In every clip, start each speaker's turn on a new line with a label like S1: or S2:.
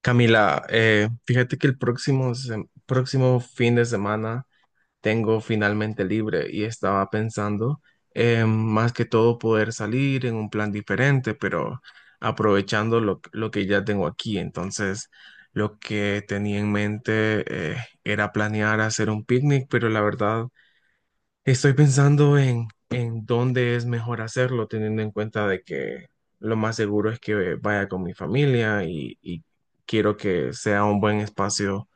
S1: Camila, fíjate que el próximo fin de semana tengo finalmente libre y estaba pensando más que todo poder salir en un plan diferente, pero aprovechando lo que ya tengo aquí. Entonces, lo que tenía en mente era planear hacer un picnic, pero la verdad estoy pensando en dónde es mejor hacerlo, teniendo en cuenta de que lo más seguro es que vaya con mi familia y quiero que sea un buen espacio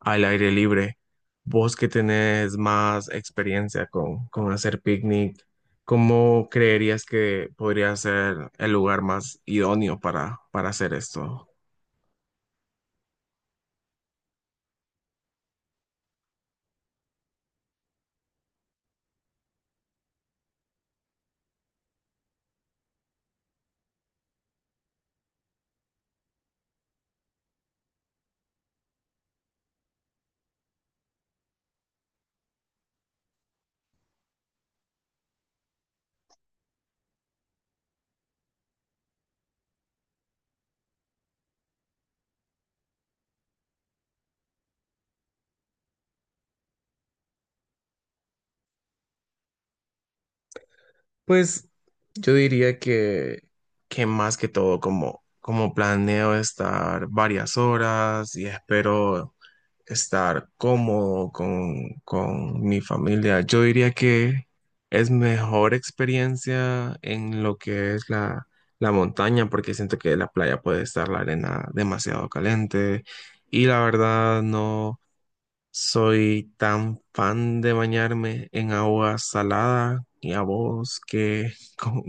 S1: al aire libre. Vos que tenés más experiencia con hacer picnic, ¿cómo creerías que podría ser el lugar más idóneo para hacer esto? Pues yo diría que más que todo, como planeo estar varias horas y espero estar cómodo con mi familia, yo diría que es mejor experiencia en lo que es la montaña, porque siento que la playa puede estar la arena demasiado caliente y la verdad no. Soy tan fan de bañarme en agua salada y a vos que,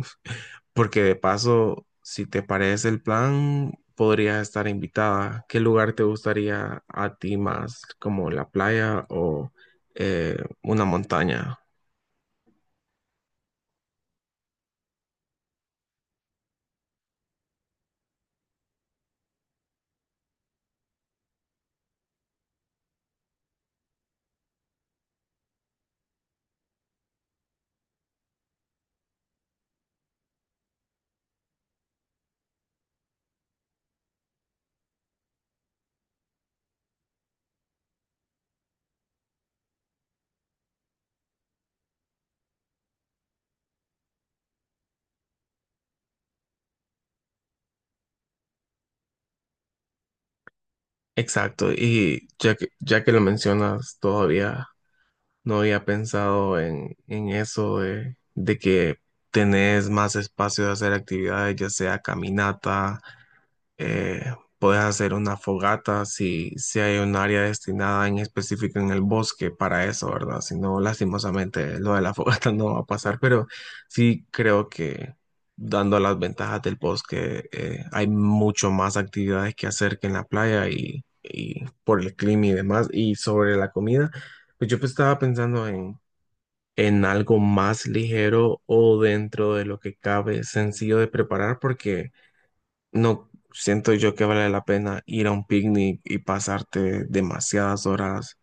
S1: porque de paso, si te parece el plan, podrías estar invitada. ¿Qué lugar te gustaría a ti más, como la playa o eh, una montaña? Exacto, y ya que lo mencionas todavía, no había pensado en eso de que tenés más espacio de hacer actividades, ya sea caminata, eh, podés hacer una fogata si hay un área destinada en específico en el bosque para eso, ¿verdad? Si no, lastimosamente lo de la fogata no va a pasar, pero sí creo que dando las ventajas del bosque, hay mucho más actividades que hacer que en la playa y por el clima y demás, y sobre la comida. Pues yo estaba pensando en algo más ligero o dentro de lo que cabe, sencillo de preparar, porque no siento yo que vale la pena ir a un picnic y pasarte demasiadas horas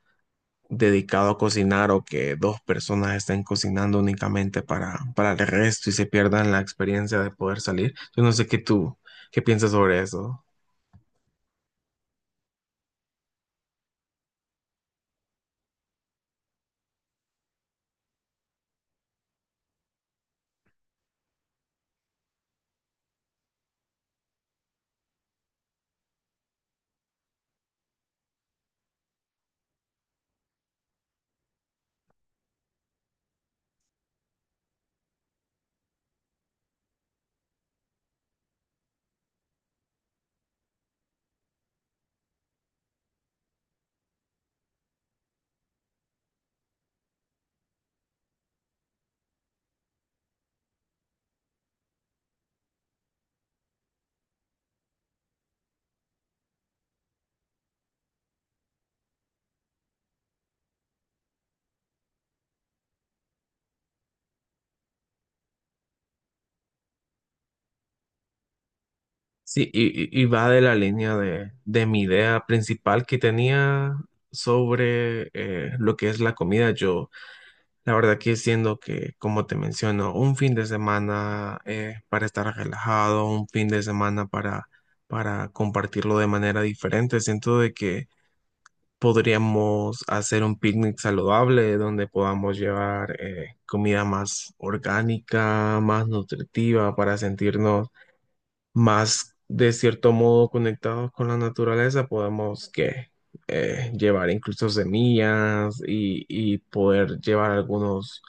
S1: dedicado a cocinar o que dos personas estén cocinando únicamente para el resto y se pierdan la experiencia de poder salir. Yo no sé qué tú, qué piensas sobre eso. Sí, y va de la línea de mi idea principal que tenía sobre lo que es la comida. Yo, la verdad que siendo que, como te menciono, un fin de semana para estar relajado, un fin de semana para compartirlo de manera diferente, siento de que podríamos hacer un picnic saludable donde podamos llevar comida más orgánica, más nutritiva para sentirnos más de cierto modo conectados con la naturaleza, podemos que llevar incluso semillas y poder llevar algunos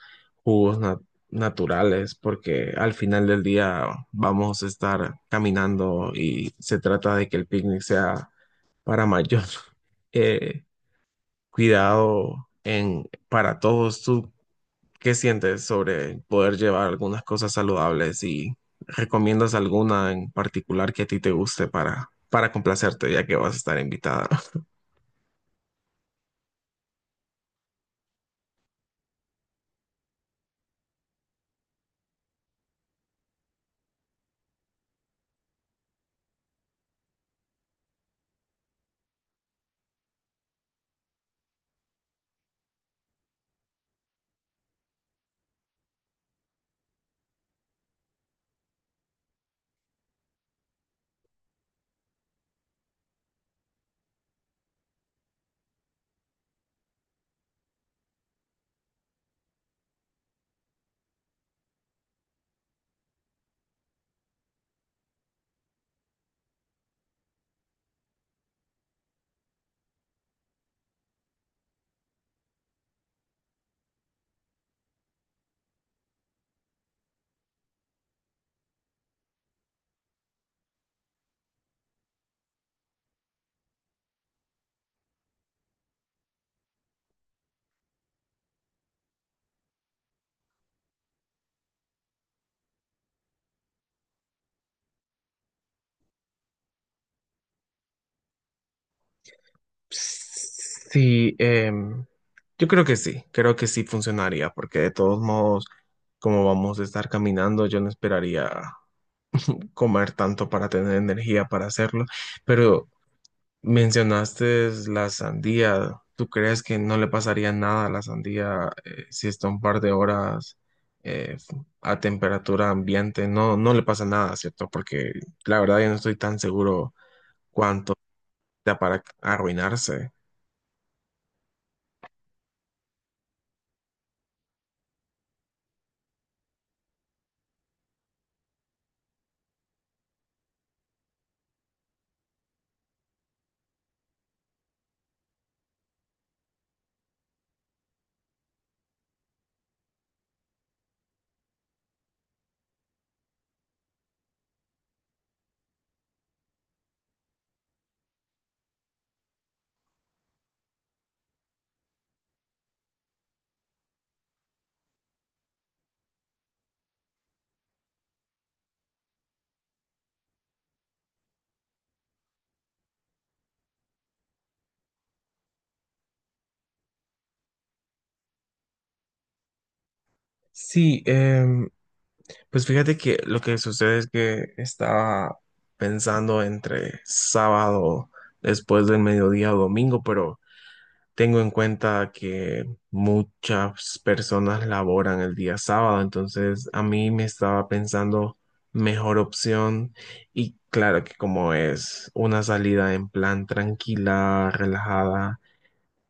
S1: jugos na- naturales, porque al final del día vamos a estar caminando y se trata de que el picnic sea para mayor eh, cuidado para todos. ¿Tú ¿Qué sientes sobre poder llevar algunas cosas saludables y recomiendas alguna en particular que a ti te guste para complacerte, ya que vas a estar invitada? Sí, yo creo que sí funcionaría, porque de todos modos, como vamos a estar caminando, yo no esperaría comer tanto para tener energía para hacerlo, pero mencionaste la sandía. ¿Tú crees que no le pasaría nada a la sandía si está un par de horas eh, f- a temperatura ambiente? No, no le pasa nada, ¿cierto? Porque la verdad yo no estoy tan seguro cuánto da para arruinarse. Sí, pues fíjate que lo que sucede es que estaba pensando entre sábado después del mediodía o domingo, pero tengo en cuenta que muchas personas laboran el día sábado, entonces a mí me estaba pensando mejor opción y claro que como es una salida en plan tranquila, relajada,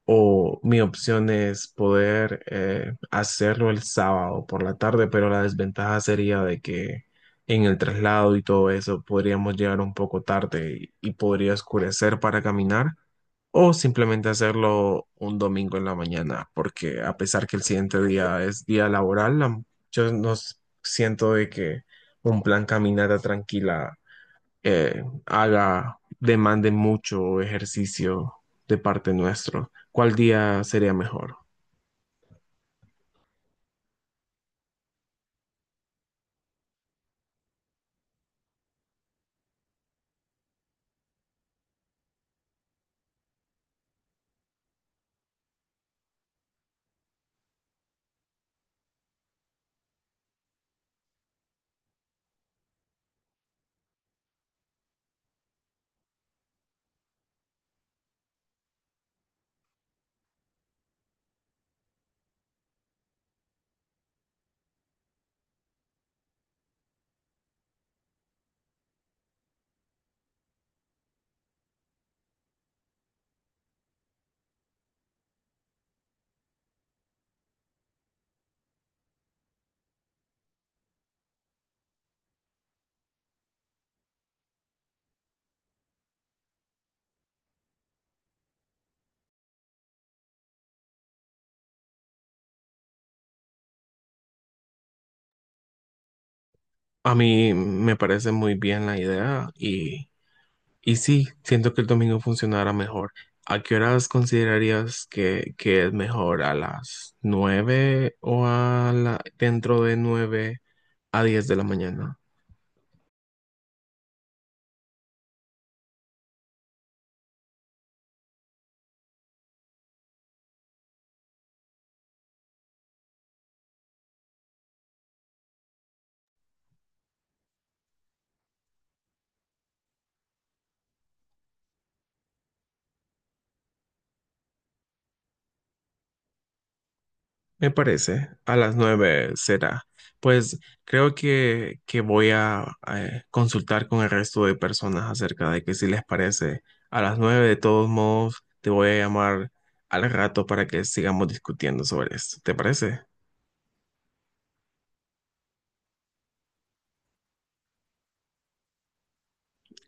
S1: o mi opción es poder hacerlo el sábado por la tarde, pero la desventaja sería de que en el traslado y todo eso podríamos llegar un poco tarde y podría oscurecer para caminar o simplemente hacerlo un domingo en la mañana, porque a pesar que el siguiente día es día laboral, yo no s- siento de que un plan caminata tranquila demande mucho ejercicio de parte nuestro. ¿Cuál día sería mejor? A mí me parece muy bien la idea y sí, siento que el domingo funcionará mejor. ¿A qué horas considerarías que es mejor? ¿A las 9 o a la, dentro de 9 a 10 de la mañana? Me parece, a las 9 será. Pues creo que voy a consultar con el resto de personas acerca de que si les parece. A las 9 de todos modos te voy a llamar al rato para que sigamos discutiendo sobre esto. ¿Te parece?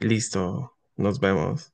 S1: Listo, nos vemos.